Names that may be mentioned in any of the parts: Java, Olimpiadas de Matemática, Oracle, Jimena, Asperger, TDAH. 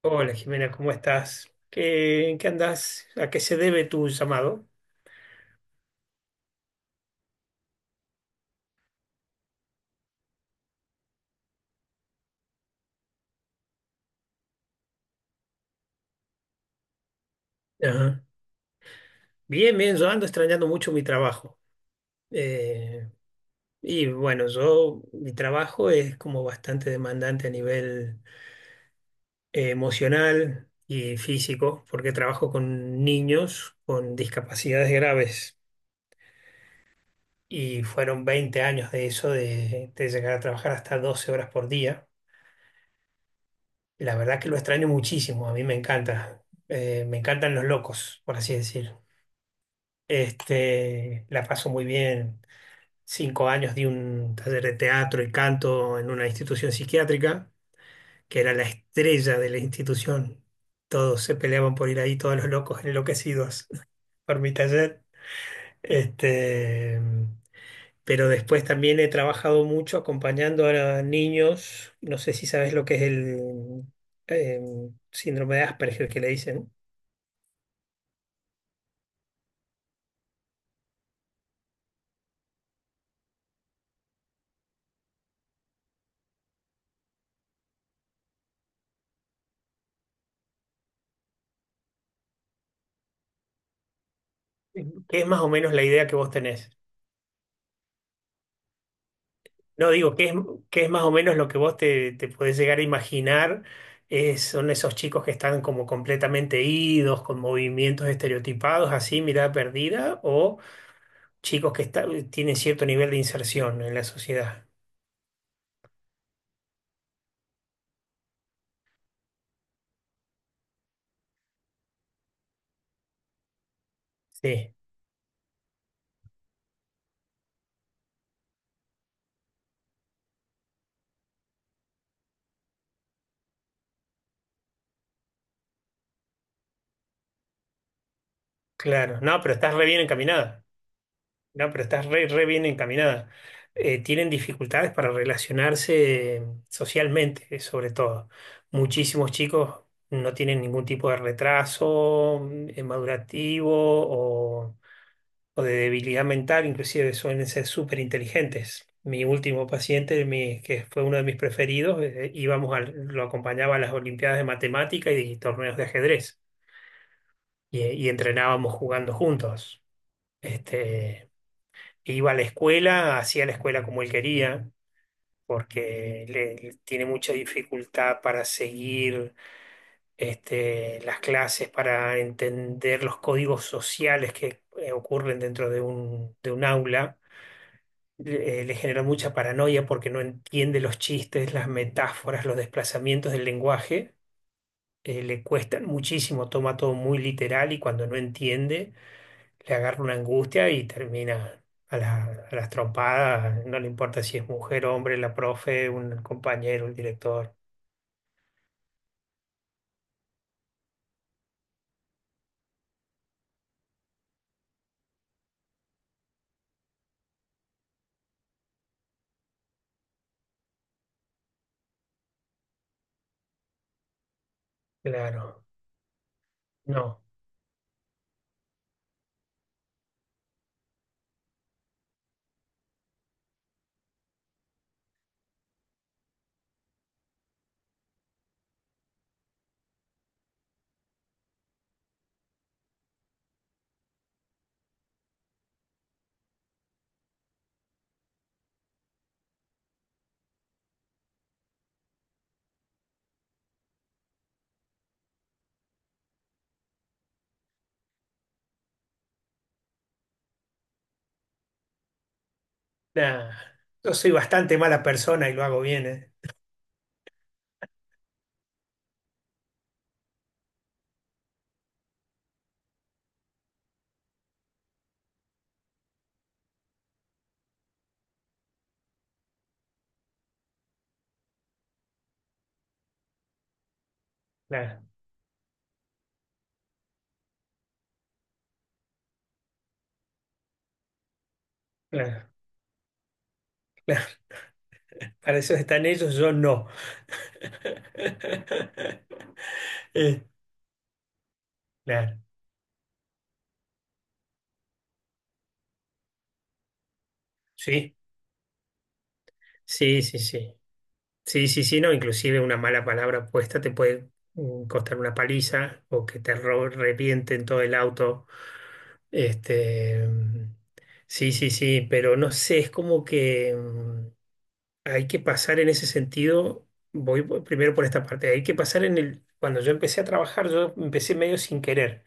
Hola Jimena, ¿cómo estás? ¿En qué andás? ¿A qué se debe tu llamado? Ajá. Bien, yo ando extrañando mucho mi trabajo. Eh, mi trabajo es como bastante demandante a nivel emocional y físico, porque trabajo con niños con discapacidades graves. Y fueron 20 años de eso, de llegar a trabajar hasta 12 horas por día. La verdad que lo extraño muchísimo, a mí me encanta. Me encantan los locos, por así decir. Este, la paso muy bien. Cinco años di un taller de teatro y canto en una institución psiquiátrica, que era la estrella de la institución. Todos se peleaban por ir ahí, todos los locos enloquecidos por mi taller. Este, pero después también he trabajado mucho acompañando a niños. No sé si sabes lo que es el eh, síndrome de Asperger que le dicen. ¿Qué es más o menos la idea que vos tenés? No, digo, que es más o menos lo que te podés llegar a imaginar. Eh, son esos chicos que están como completamente idos, con movimientos estereotipados, así, mirada perdida, o chicos que está- tienen cierto nivel de inserción en la sociedad. Sí, claro. No, pero estás re bien encaminada. No, pero estás re bien encaminada. Tienen dificultades para relacionarse socialmente, sobre todo. Muchísimos chicos no tienen ningún tipo de retraso madurativo o de debilidad mental, inclusive suelen ser súper inteligentes. Mi último paciente, que fue uno de mis preferidos, lo acompañaba a las Olimpiadas de Matemática y torneos de ajedrez y entrenábamos jugando juntos. Este, iba a la escuela, hacía la escuela como él quería, porque le tiene mucha dificultad para seguir este, las clases, para entender los códigos sociales que ocurren dentro de de un aula. Le genera mucha paranoia porque no entiende los chistes, las metáforas, los desplazamientos del lenguaje. Le cuestan muchísimo, toma todo muy literal y cuando no entiende le agarra una angustia y termina a las trompadas, no le importa si es mujer, hombre, la profe, un compañero, el director. Claro, no, nada. Yo soy bastante mala persona y lo hago bien, ¿eh? Claro, claro, claro. Para eso están ellos, yo no. Eh, claro, sí, sí, sí, sí. Sí, sí, sí, no, inclusive una mala palabra puesta te puede costar una paliza o que revienten todo el auto. Este, sí, sí, sí, pero no sé, es como que hay que pasar en ese sentido, primero por esta parte, hay que pasar en el, cuando yo empecé a trabajar, yo empecé medio sin querer.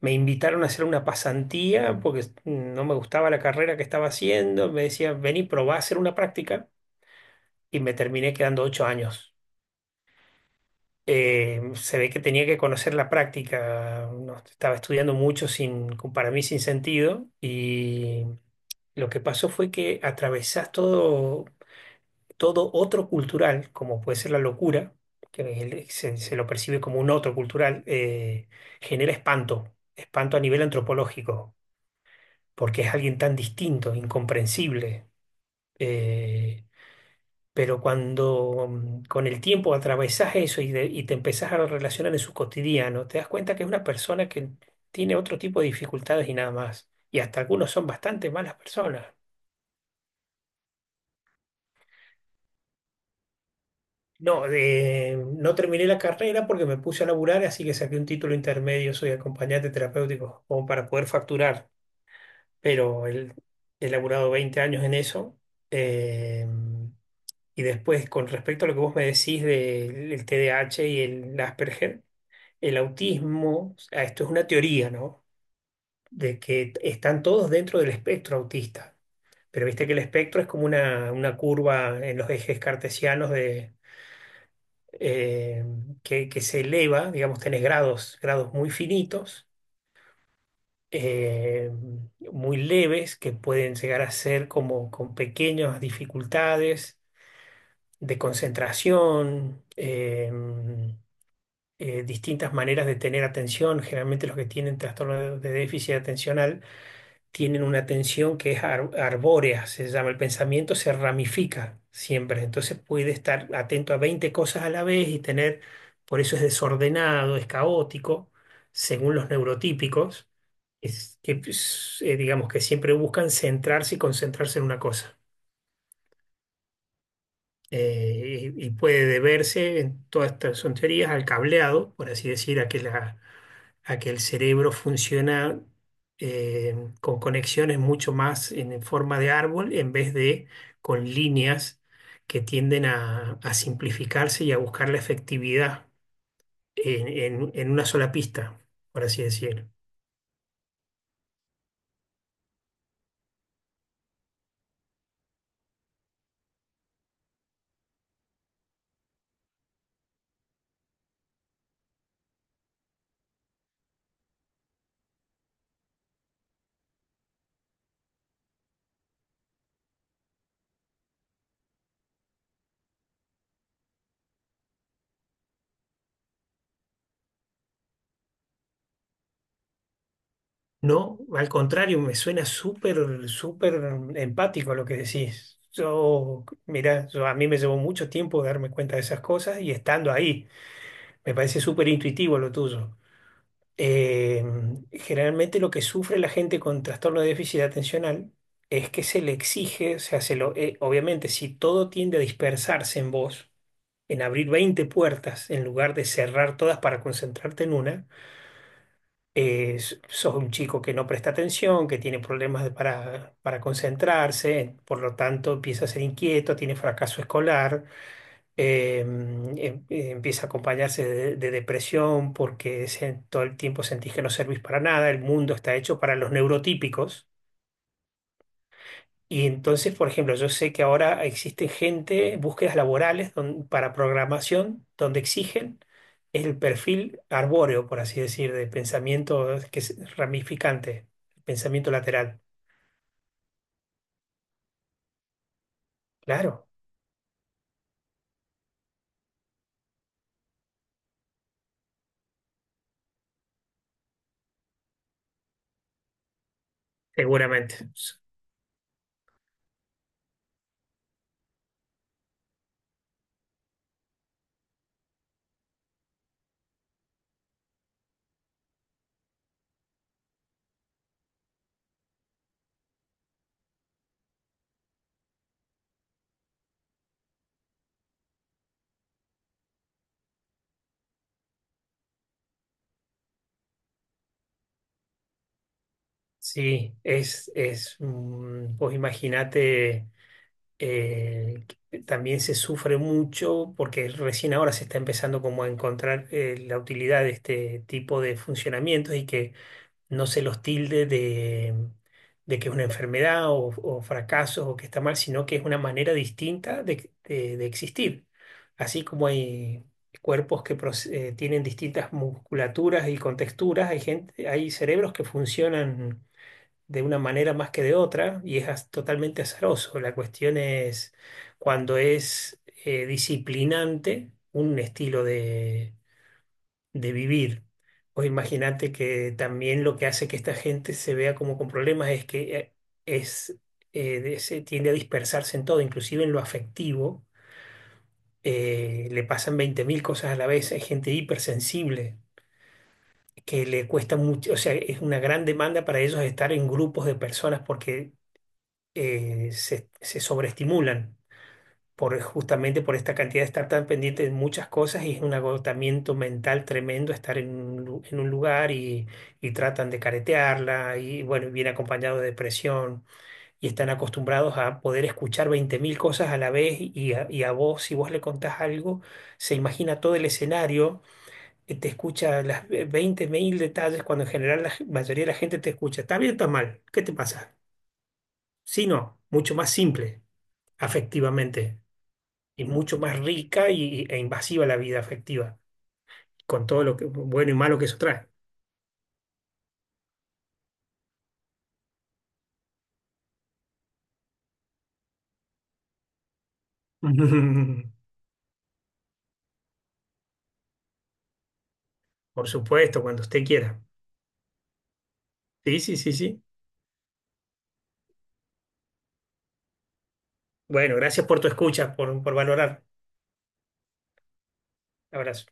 Me invitaron a hacer una pasantía porque no me gustaba la carrera que estaba haciendo, me decían, vení, probá a hacer una práctica y me terminé quedando ocho años. Eh, se ve que tenía que conocer la práctica, no, estaba estudiando mucho sin, para mí sin sentido y lo que pasó fue que atravesás todo, todo otro cultural, como puede ser la locura, se lo percibe como un otro cultural, genera espanto, espanto a nivel antropológico, porque es alguien tan distinto, incomprensible. eh, pero cuando con el tiempo atravesás eso y y te empezás a relacionar en su cotidiano, te das cuenta que es una persona que tiene otro tipo de dificultades y nada más. Y hasta algunos son bastante malas personas. No, no terminé la carrera porque me puse a laburar, así que saqué un título intermedio, soy acompañante terapéutico, como para poder facturar. Pero el- he laburado 20 años en eso. Eh, y después, con respecto a lo que vos me decís del el T D A H y el Asperger. El autismo, ah, esto es una teoría, ¿no? De que están todos dentro del espectro autista. Pero viste que el espectro es como una curva en los ejes cartesianos de, eh, que se eleva, digamos, tenés grados, grados muy finitos, eh, muy leves, que pueden llegar a ser como con pequeñas dificultades de concentración, distintas maneras de tener atención. Generalmente los que tienen trastorno de déficit atencional tienen una tensión que es arbórea, se llama, el pensamiento se ramifica siempre, entonces puede estar atento a 20 cosas a la vez y tener, por eso es desordenado, es caótico, según los neurotípicos, es que pues, digamos que siempre buscan centrarse y concentrarse en una cosa y puede deberse en todas estas son teorías al cableado, por así decir, a que el cerebro funciona eh, con conexiones mucho más en forma de árbol en vez de con líneas que tienden a simplificarse y a buscar la efectividad en, en una sola pista, por así decir. No, al contrario, me suena súper empático lo que decís. Mira, a mí me llevó mucho tiempo darme cuenta de esas cosas y estando ahí, me parece súper intuitivo lo tuyo. Eh, generalmente lo que sufre la gente con trastorno de déficit atencional es que se le exige, o sea, obviamente si todo tiende a dispersarse en vos, en abrir 20 puertas en lugar de cerrar todas para concentrarte en una, sos un chico que no presta atención, que tiene problemas para concentrarse, por lo tanto empieza a ser inquieto, tiene fracaso escolar, eh, em- empieza a acompañarse de depresión porque todo el tiempo sentís que no servís para nada, el mundo está hecho para los neurotípicos. Y entonces, por ejemplo, yo sé que ahora existen gente, búsquedas laborales para programación, donde exigen el perfil arbóreo, por así decir, de pensamiento que es ramificante, pensamiento lateral. Claro, seguramente. Sí, vos imaginate, eh, que también se sufre mucho porque recién ahora se está empezando como a encontrar la utilidad de este tipo de funcionamientos y que no se los tilde de que es una enfermedad o fracaso o que está mal, sino que es una manera distinta de existir. Así como hay cuerpos que tienen distintas musculaturas y contexturas, hay gente, hay cerebros que funcionan de una manera más que de otra y es totalmente azaroso. La cuestión es cuando es disciplinante un estilo de vivir. Pues imagínate que también lo que hace que esta gente se vea como con problemas es que es, se tiende a dispersarse en todo, inclusive en lo afectivo. Eh, le pasan 20 mil cosas a la vez. Hay gente hipersensible que le cuesta mucho, o sea, es una gran demanda para ellos estar en grupos de personas porque se sobreestimulan. Por, justamente por esta cantidad de estar tan pendiente de muchas cosas y es un agotamiento mental tremendo estar en un, en un lugar y tratan de caretearla y bueno, viene acompañado de depresión y están acostumbrados a poder escuchar 20 mil cosas a la vez y a vos, si vos le contás algo, se imagina todo el escenario, te escucha las 20 mil detalles cuando en general la mayoría de la gente te escucha, ¿está bien o está mal? ¿Qué te pasa? Si no, mucho más simple, afectivamente y mucho más rica e invasiva la vida afectiva, con todo lo que bueno y malo que eso trae. Por supuesto, cuando usted quiera. Sí, sí, sí, sí. Bueno, gracias por tu escucha, por valorar. Abrazo.